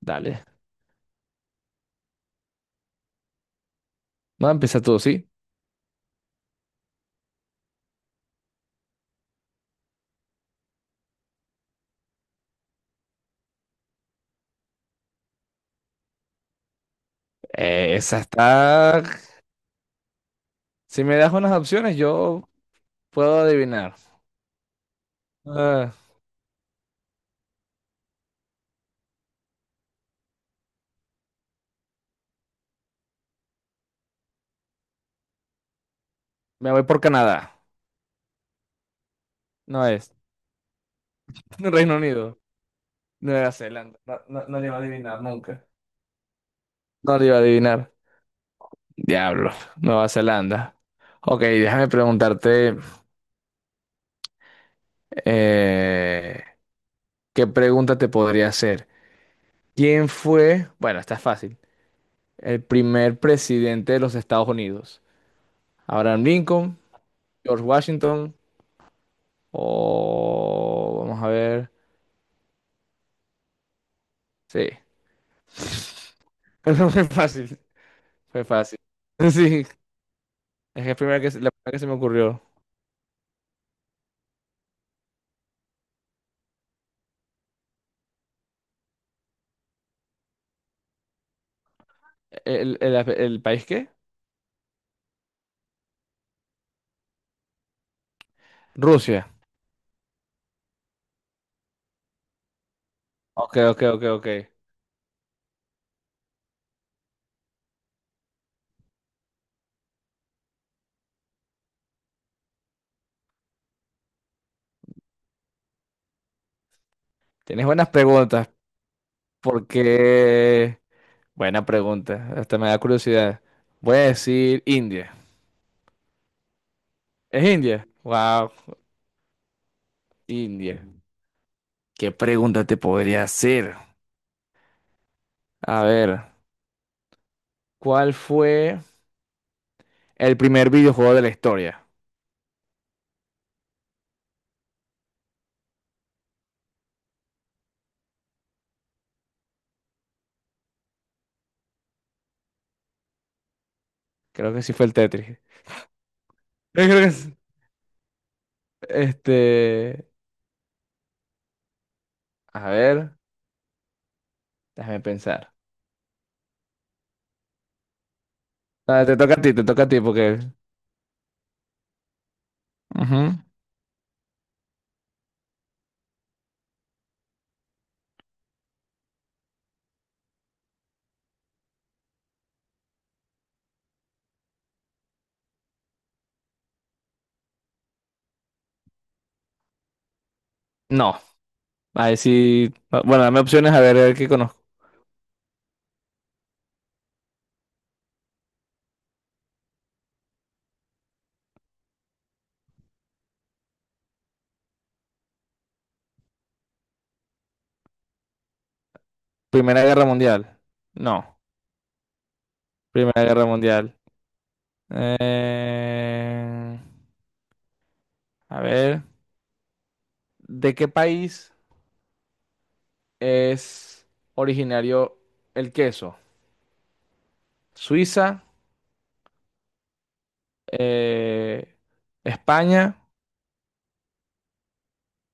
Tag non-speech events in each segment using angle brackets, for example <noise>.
Dale. No, empieza tú, ¿sí? Esa está... Si me das unas opciones, yo puedo adivinar. Ah, me voy por Canadá. No es. <laughs> Reino Unido. Nueva Zelanda. No, no, no le iba a adivinar nunca. No le iba a adivinar. Diablo. Nueva Zelanda. Ok, déjame preguntarte... eh, ¿qué pregunta te podría hacer? ¿Quién fue... Bueno, está fácil. El primer presidente de los Estados Unidos. Abraham Lincoln, George Washington. O vamos a ver. Sí. <laughs> No fue fácil. Fue fácil. <laughs> Sí. Es que es primera la primera que se me ocurrió. ¿El país qué? Rusia. Ok, ok, ok, ok. Tienes buenas preguntas. Porque. Buena pregunta. Hasta me da curiosidad. Voy a decir India. ¿Es India? Wow, India. ¿Qué pregunta te podría hacer? A ver, ¿cuál fue el primer videojuego de la historia? Creo que sí fue el Tetris. Yo creo que es- Este, a ver, déjame pensar. Ah, te toca a ti, te toca a ti porque... Ujú. No, a ver si... Bueno, dame opciones a ver qué conozco. Primera Guerra Mundial. No, Primera Guerra Mundial. Eh, A ver, ¿de qué país es originario el queso? Suiza, eh, España,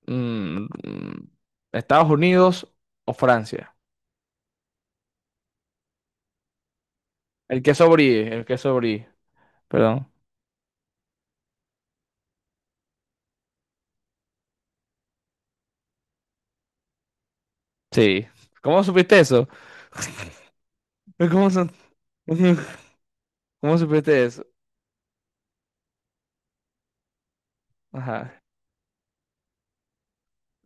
mm, mm, Estados Unidos o Francia. El queso brie, perdón. Sí. ¿Cómo supiste eso? <laughs> ¿Cómo, su- <laughs> ¿Cómo supiste eso? Ajá.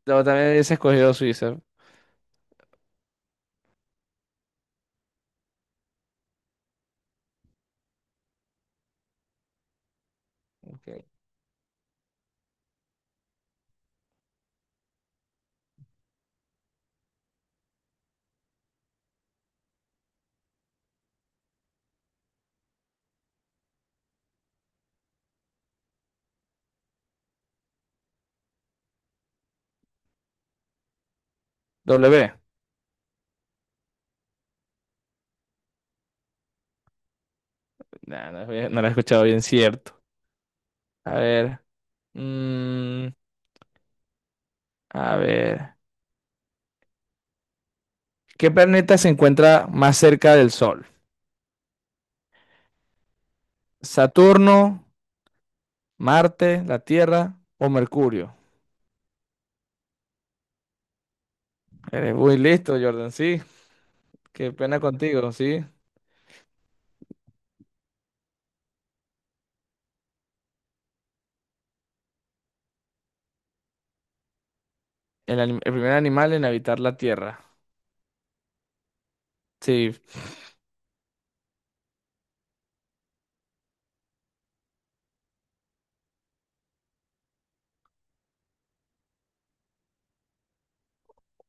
Luego también hubiese escogido Suiza. Ok. W. Nah, no lo he escuchado bien, cierto. A ver. mm, a ver. ¿Qué planeta se encuentra más cerca del Sol? ¿Saturno, Marte, la Tierra o Mercurio? Eres muy listo, Jordan, sí. Qué pena contigo, sí. El primer animal en habitar la Tierra. Sí.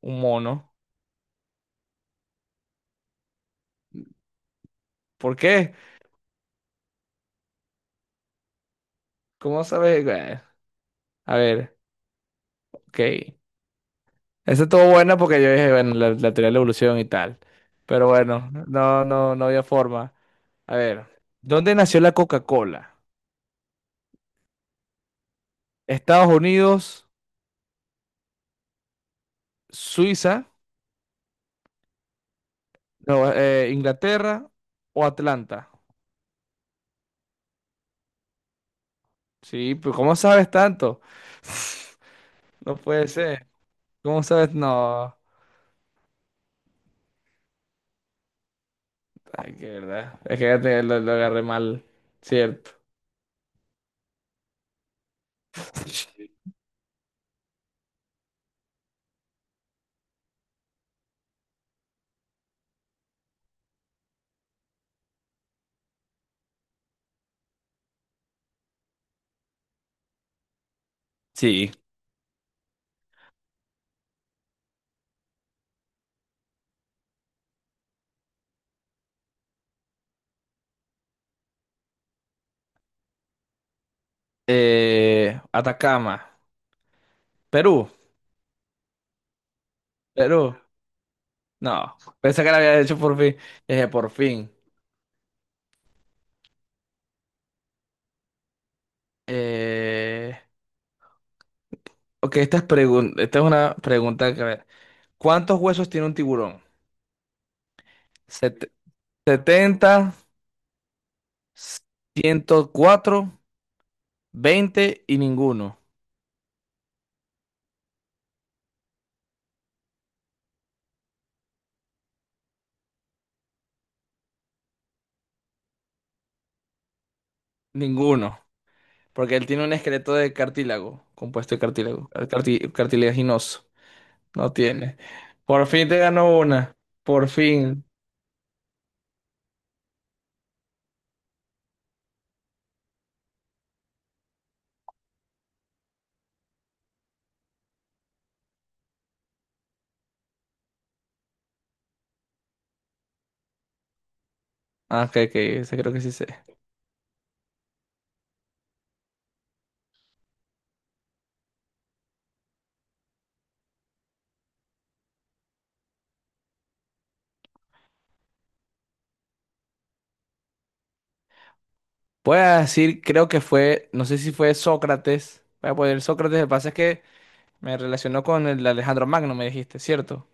Un mono. ¿Por qué? ¿Cómo sabes? Bueno, a ver, ok. Esa estuvo buena porque yo dije, bueno, la teoría de la evolución y tal. Pero bueno, no, no, no había forma. A ver, ¿dónde nació la Coca-Cola? ¿Estados Unidos, Suiza, no, Inglaterra o Atlanta? Sí, pero ¿cómo sabes tanto? <laughs> No puede ser. ¿Cómo sabes? No. Ay, qué verdad. Es que ya te- lo agarré mal. Cierto. <laughs> Sí, Atacama, Perú, Perú. No, pensé que la había hecho por fin. Dije, por fin. Eh, ok, esta es una pregunta que... a ver, ¿cuántos huesos tiene un tiburón? Set- setenta, ciento cuatro, veinte y ninguno. Ninguno. Porque él tiene un esqueleto de cartílago, compuesto de cartilaginoso. No tiene. Por fin te ganó una. Por fin. Ah, ok, ok, ese creo que sí sé. Voy a decir, creo que fue, no sé si fue Sócrates. Voy a poner Sócrates, lo que pasa es que me relacionó con el Alejandro Magno, me dijiste, ¿cierto?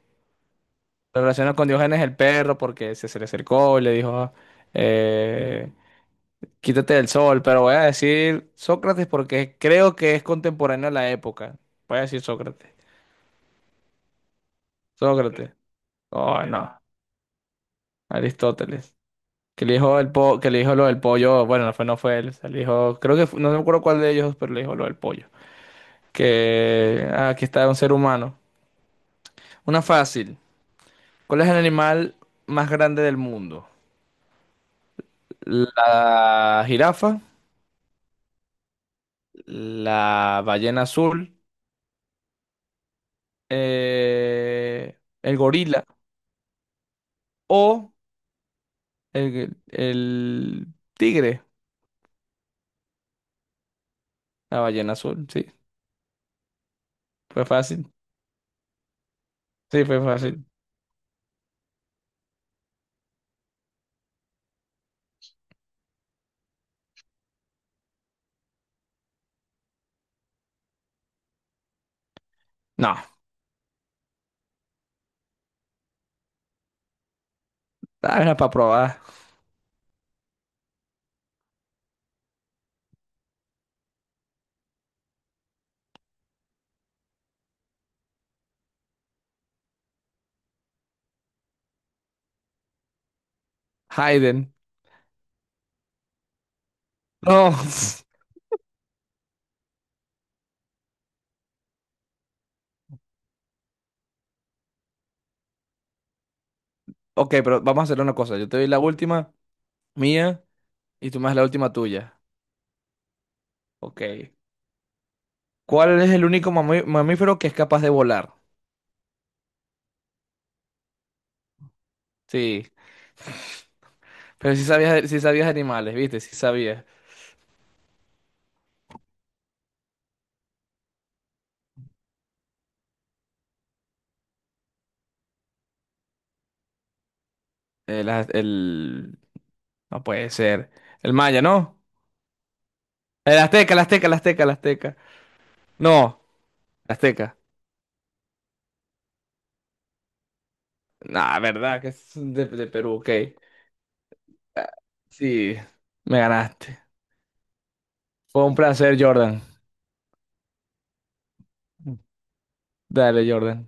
Lo relacionó con Diógenes el perro porque se le acercó y le dijo, eh, quítate del sol, pero voy a decir Sócrates porque creo que es contemporáneo a la época. Voy a decir Sócrates. Sócrates. Oh, no. Aristóteles. Que le dijo lo del pollo, bueno, no fue, no fue él, o sea, le dijo, no me acuerdo cuál de ellos, pero le dijo lo del pollo. Que ah, aquí está un ser humano. Una fácil. ¿Cuál es el animal más grande del mundo? La jirafa, la ballena azul, el gorila o el tigre. La ballena azul, sí. Fue fácil. Sí, fue fácil. No, ah, era para probar. Hayden. No. <laughs> Ok, pero vamos a hacer una cosa. Yo te doy la última mía y tú me das la última tuya. Ok. ¿Cuál es el único mamífero que es capaz de volar? Sí, pero si sabías, si sabías animales, ¿viste? Si sabías. El, az- el- No puede ser. El maya, ¿no? El azteca, el azteca, el azteca, el azteca. No, el azteca. Nah, verdad, que es de Perú, ok. Ah, Sí, me ganaste. Fue un placer, Jordan. Dale, Jordan.